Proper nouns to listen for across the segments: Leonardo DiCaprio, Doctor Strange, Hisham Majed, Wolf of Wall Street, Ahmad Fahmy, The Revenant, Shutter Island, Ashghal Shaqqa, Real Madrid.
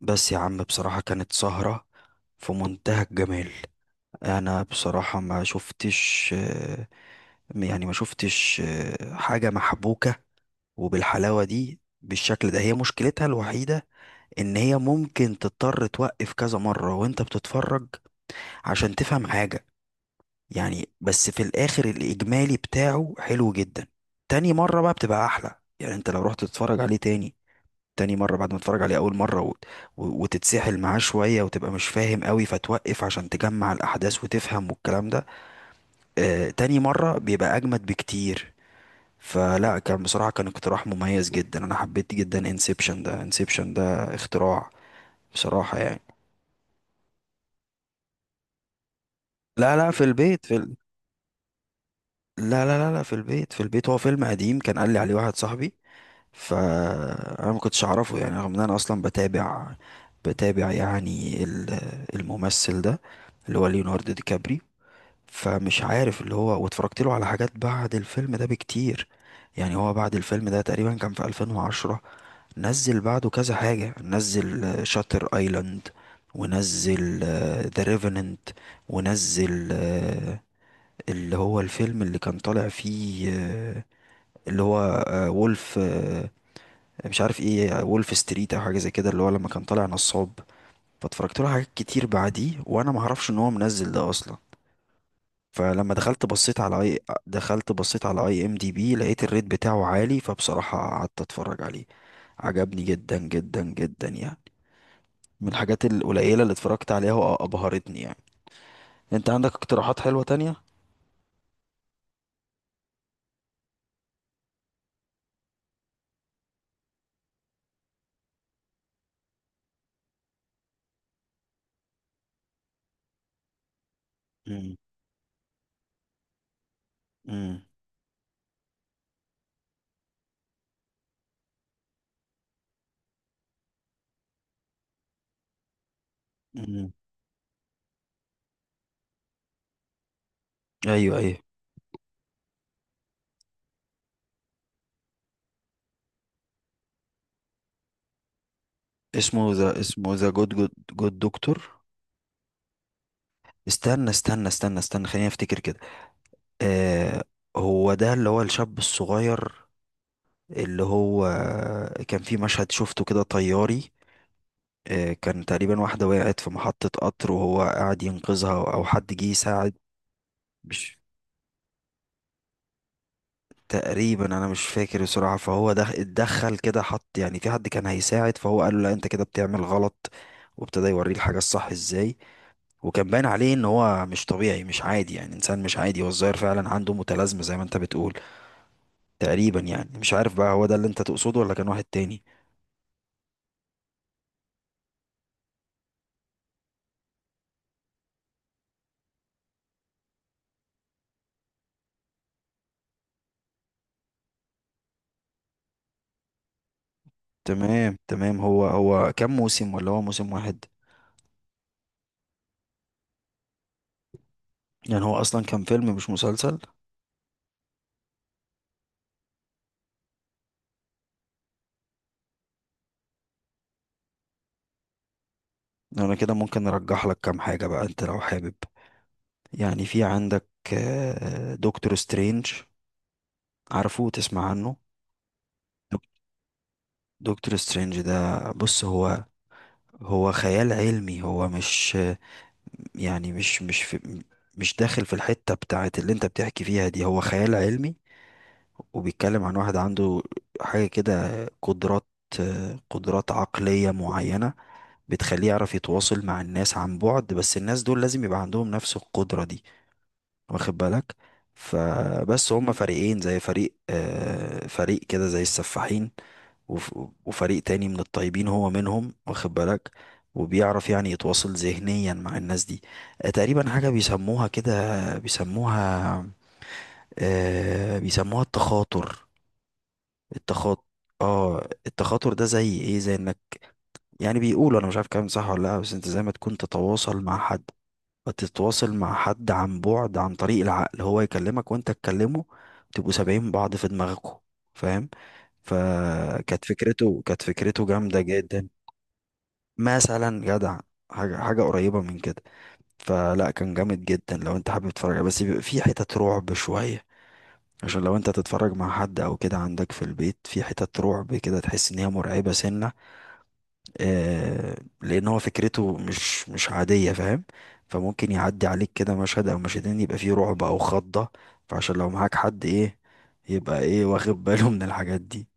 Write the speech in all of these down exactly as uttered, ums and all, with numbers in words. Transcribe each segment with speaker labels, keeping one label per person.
Speaker 1: بس يا عم بصراحة كانت سهرة في منتهى الجمال. انا بصراحة ما شفتش آه، يعني ما شفتش آه، حاجة محبوكة وبالحلاوة دي بالشكل ده. هي مشكلتها الوحيدة ان هي ممكن تضطر توقف كذا مرة وانت بتتفرج عشان تفهم حاجة. يعني بس في الاخر الاجمالي بتاعه حلو جدا. تاني مرة بقى بتبقى احلى، يعني انت لو رحت تتفرج عليه تاني، تاني مرة بعد ما تتفرج عليه أول مرة و... و... وتتسحل معاه شوية وتبقى مش فاهم قوي فتوقف عشان تجمع الأحداث وتفهم والكلام ده. آه تاني مرة بيبقى أجمد بكتير. فلا كان بصراحة كان اقتراح مميز جدا، أنا حبيت جدا انسبشن ده، انسبشن ده اختراع بصراحة يعني. لا لا في البيت في ال... لا لا لا لا في البيت، في البيت هو فيلم قديم كان قال لي عليه واحد صاحبي، فانا ما كنتش اعرفه يعني، رغم ان انا اصلا بتابع بتابع يعني ال- الممثل ده اللي هو ليوناردو دي كابري. فمش عارف اللي هو، واتفرجت له على حاجات بعد الفيلم ده بكتير. يعني هو بعد الفيلم ده تقريبا كان في ألفين وعشرة، نزل بعده كذا حاجة، نزل شاتر ايلاند ونزل ذا ريفننت، ونزل آه، اللي هو الفيلم اللي كان طالع فيه آه، اللي هو وولف، مش عارف ايه، وولف ستريت او حاجه زي كده، اللي هو لما كان طالع نصاب. فاتفرجت له حاجات كتير بعديه وانا ما اعرفش ان هو منزل ده اصلا. فلما دخلت بصيت على اي دخلت بصيت على اي ام دي بي، لقيت الريت بتاعه عالي، فبصراحه قعدت اتفرج عليه. عجبني جدا جدا جدا يعني، من الحاجات القليله اللي اتفرجت عليها وابهرتني يعني. انت عندك اقتراحات حلوه تانية؟ امم، امم، امم، ايوه ايوه. اسمه ذا، اسمه ذا جود جود جود دكتور. استنى استنى استنى استنى خليني افتكر كده. آه، هو ده اللي هو الشاب الصغير اللي هو كان في مشهد شفته كده طياري. آه كان تقريبا واحدة وقعت في محطة قطر وهو قاعد ينقذها أو أو حد جه يساعد. مش، تقريبا أنا مش فاكر بصراحة. فهو ده اتدخل كده، حط يعني في حد كان هيساعد، فهو قال له لا أنت كده بتعمل غلط، وابتدى يوريه الحاجة الصح ازاي. وكان باين عليه ان هو مش طبيعي مش عادي، يعني انسان مش عادي، هو الظاهر فعلا عنده متلازمة زي ما انت بتقول تقريبا. يعني مش عارف بقى هو ده اللي انت تقصده ولا كان واحد تاني. تمام تمام. هو هو كام موسم ولا هو موسم واحد؟ يعني هو اصلا كان فيلم مش مسلسل. انا كده ممكن ارجح لك كام حاجة بقى انت لو حابب. يعني في عندك آه، دكتور سترينج، عارفه تسمع عنه؟ دك- دكتور سترينج ده، بص، هو هو خيال علمي، هو مش يعني، مش مش في، مش داخل في الحتة بتاعت اللي انت بتحكي فيها دي، هو خيال علمي وبيتكلم عن واحد عنده حاجة كده، قدرات، قدرات عقلية معينة بتخليه يعرف يتواصل مع الناس عن بعد، بس الناس دول لازم يبقى عندهم نفس القدرة دي، واخد بالك. فبس هما فريقين، زي فريق آه، فريق كده زي السفاحين، وف- وفريق تاني من الطيبين، هو منهم، واخد بالك. وبيعرف يعني يتواصل ذهنيا مع الناس دي. آه، تقريبا حاجة بيسموها كده، بيسموها، آه، بيسموها التخاطر، التخاطر. اه التخاطر ده زي ايه، زي انك يعني، بيقولوا انا مش عارف كلام صح ولا لا، بس انت زي ما تكون تتواصل مع حد، فتتواصل مع حد عن بعد عن طريق العقل، هو يكلمك وانت تكلمه، تبقوا سابعين بعض في دماغكم، فاهم. فكانت فكرته، كانت فكرته جامدة جدا، مثلا جدع، حاجة، حاجة قريبة من كده. فلا كان جامد جدا لو انت حابب تتفرج عليه. بس بيبقى فيه حتت رعب شوية، عشان لو انت تتفرج مع حد او كده عندك في البيت، في حتت رعب كده تحس ان هي مرعبة سنة. آه لان هو فكرته مش مش عادية فاهم. فممكن يعدي عليك كده مشهد او مشهدين يبقى فيه رعب او خضة، فعشان لو معاك حد ايه، يبقى ايه واخد باله من الحاجات دي.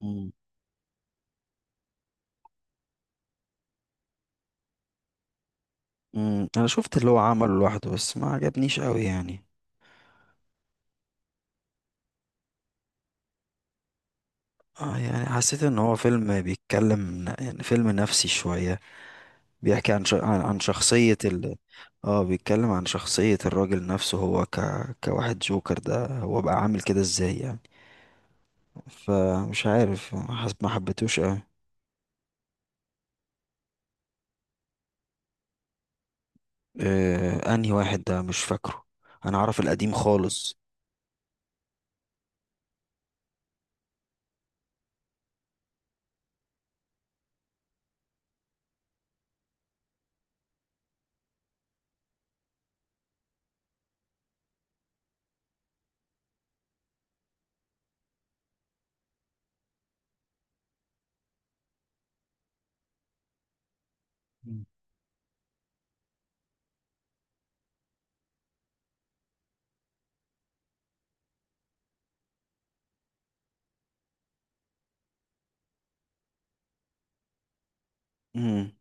Speaker 1: مم. مم، انا شفت اللي هو عمله لوحده بس ما عجبنيش قوي يعني. اه يعني حسيت ان هو فيلم بيتكلم، يعني فيلم نفسي شوية، بيحكي عن ش... عن عن شخصية ال... اه بيتكلم عن شخصية الراجل نفسه هو ك... كواحد، جوكر ده هو بقى عامل كده ازاي يعني. فمش عارف حس... ما حبيتوش اه. آه، انهي واحد ده مش فاكره. انا اعرف القديم خالص. مم. امم،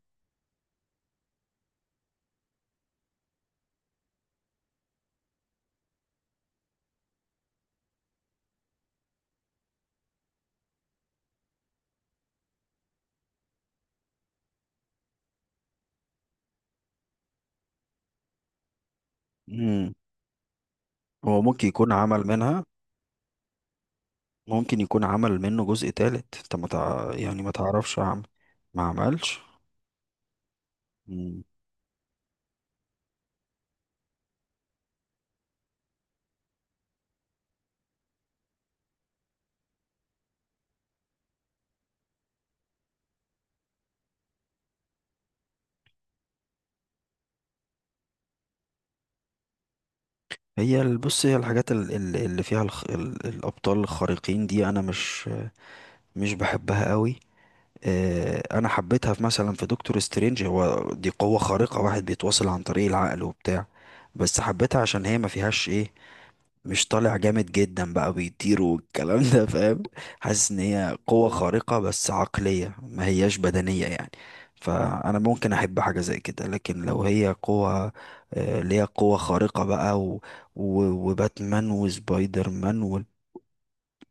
Speaker 1: امم. هو ممكن يكون عمل منها، ممكن يكون عمل منه جزء تالت، انت ما تع... يعني ما تعرفش عم... ما عملش. مم. هي ال- بص هي الحاجات ال- ال- اللي فيها الخ... ال- الابطال الخارقين دي انا مش مش بحبها قوي. آه، انا حبيتها في مثلا في دكتور سترينج، هو دي قوة خارقة، واحد بيتواصل عن طريق العقل وبتاع، بس حبيتها عشان هي ما فيهاش ايه، مش طالع جامد جدا بقى بيطير والكلام ده، فاهم. حاسس ان هي قوة خارقة بس عقلية، ما هياش بدنية يعني. فانا ممكن احب حاجة زي كده، لكن لو هي قوة، آه، اللي هي قوة خارقة بقى و... و... وباتمان وسبايدر مان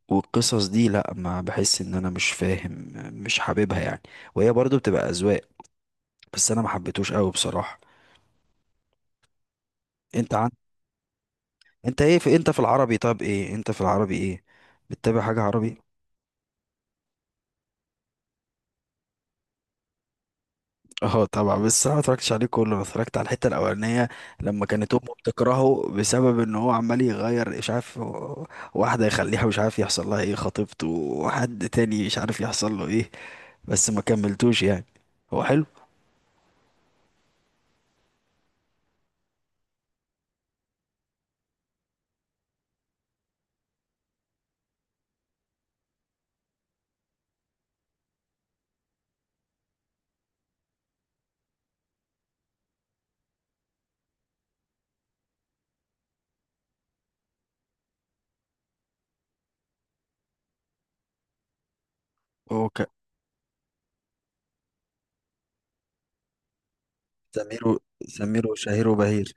Speaker 1: والقصص دي، لا ما بحس، ان انا مش فاهم، مش حاببها يعني. وهي برضو بتبقى اذواق، بس انا ما حبيتهوش قوي بصراحة. انت عن، انت ايه في، انت في العربي، طب ايه انت في العربي ايه، بتتابع حاجة عربي؟ اه طبعا، بس انا ما اتفرجتش عليه كله، انا اتفرجت على الحتة الاولانية لما كانت امه بتكرهه بسبب ان هو عمال يغير مش عارف واحدة يخليها مش عارف يحصل لها ايه، خطيبته وحد تاني مش عارف يحصل له ايه. بس ما كملتوش يعني، هو حلو. اوكي. سمير و- سمير وشهير وبهير.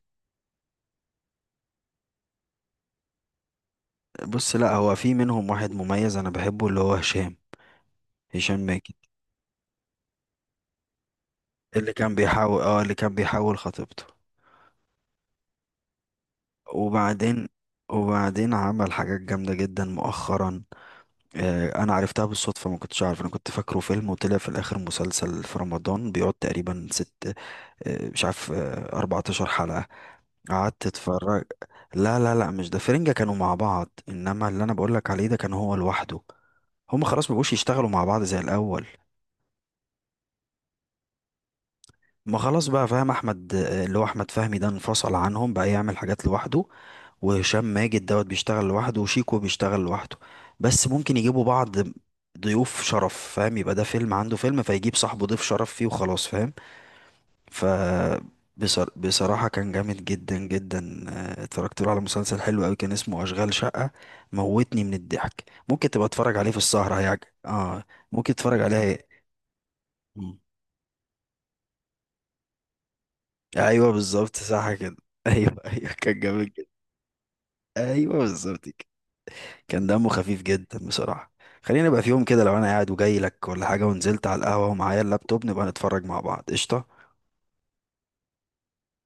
Speaker 1: بص لا هو في منهم واحد مميز انا بحبه، اللي هو هشام، هشام ماجد. اللي كان بيحاول، اه اللي كان بيحاول خطيبته. وبعدين، وبعدين عمل حاجات جامدة جدا مؤخرا. آه انا عرفتها بالصدفة، ما كنتش عارف، انا كنت فاكره فيلم وطلع في الاخر مسلسل في رمضان، بيقعد تقريبا ست، آه مش عارف، آه اربعة عشر حلقة، قعدت اتفرج. لا لا لا، مش ده، فرنجة كانوا مع بعض، انما اللي انا بقولك عليه ده كان هو لوحده. هما خلاص مبقوش يشتغلوا مع بعض زي الاول. ما خلاص بقى فاهم، احمد اللي هو احمد فهمي ده انفصل عنهم بقى يعمل حاجات لوحده، وهشام ماجد دوت بيشتغل لوحده، وشيكو بيشتغل لوحده. بس ممكن يجيبوا بعض ضيوف شرف، فاهم، يبقى ده فيلم عنده فيلم فيجيب صاحبه ضيف شرف فيه وخلاص، فاهم. ف بصر... بصراحة كان جامد جدا جدا. آه، اتفرجت له على مسلسل حلو قوي كان اسمه أشغال شقة، موتني من الضحك. ممكن تبقى تتفرج عليه في السهرة هيعجبك اه، ممكن تتفرج عليه. مم. ايوه بالظبط صح كده ايوه ايوه كان جامد. ايوه بالظبط كده. كان دمه خفيف جدا بصراحه. خلينا بقى في يوم كده لو انا قاعد وجاي لك ولا حاجه، ونزلت على القهوه ومعايا اللابتوب نبقى نتفرج مع بعض، قشطه.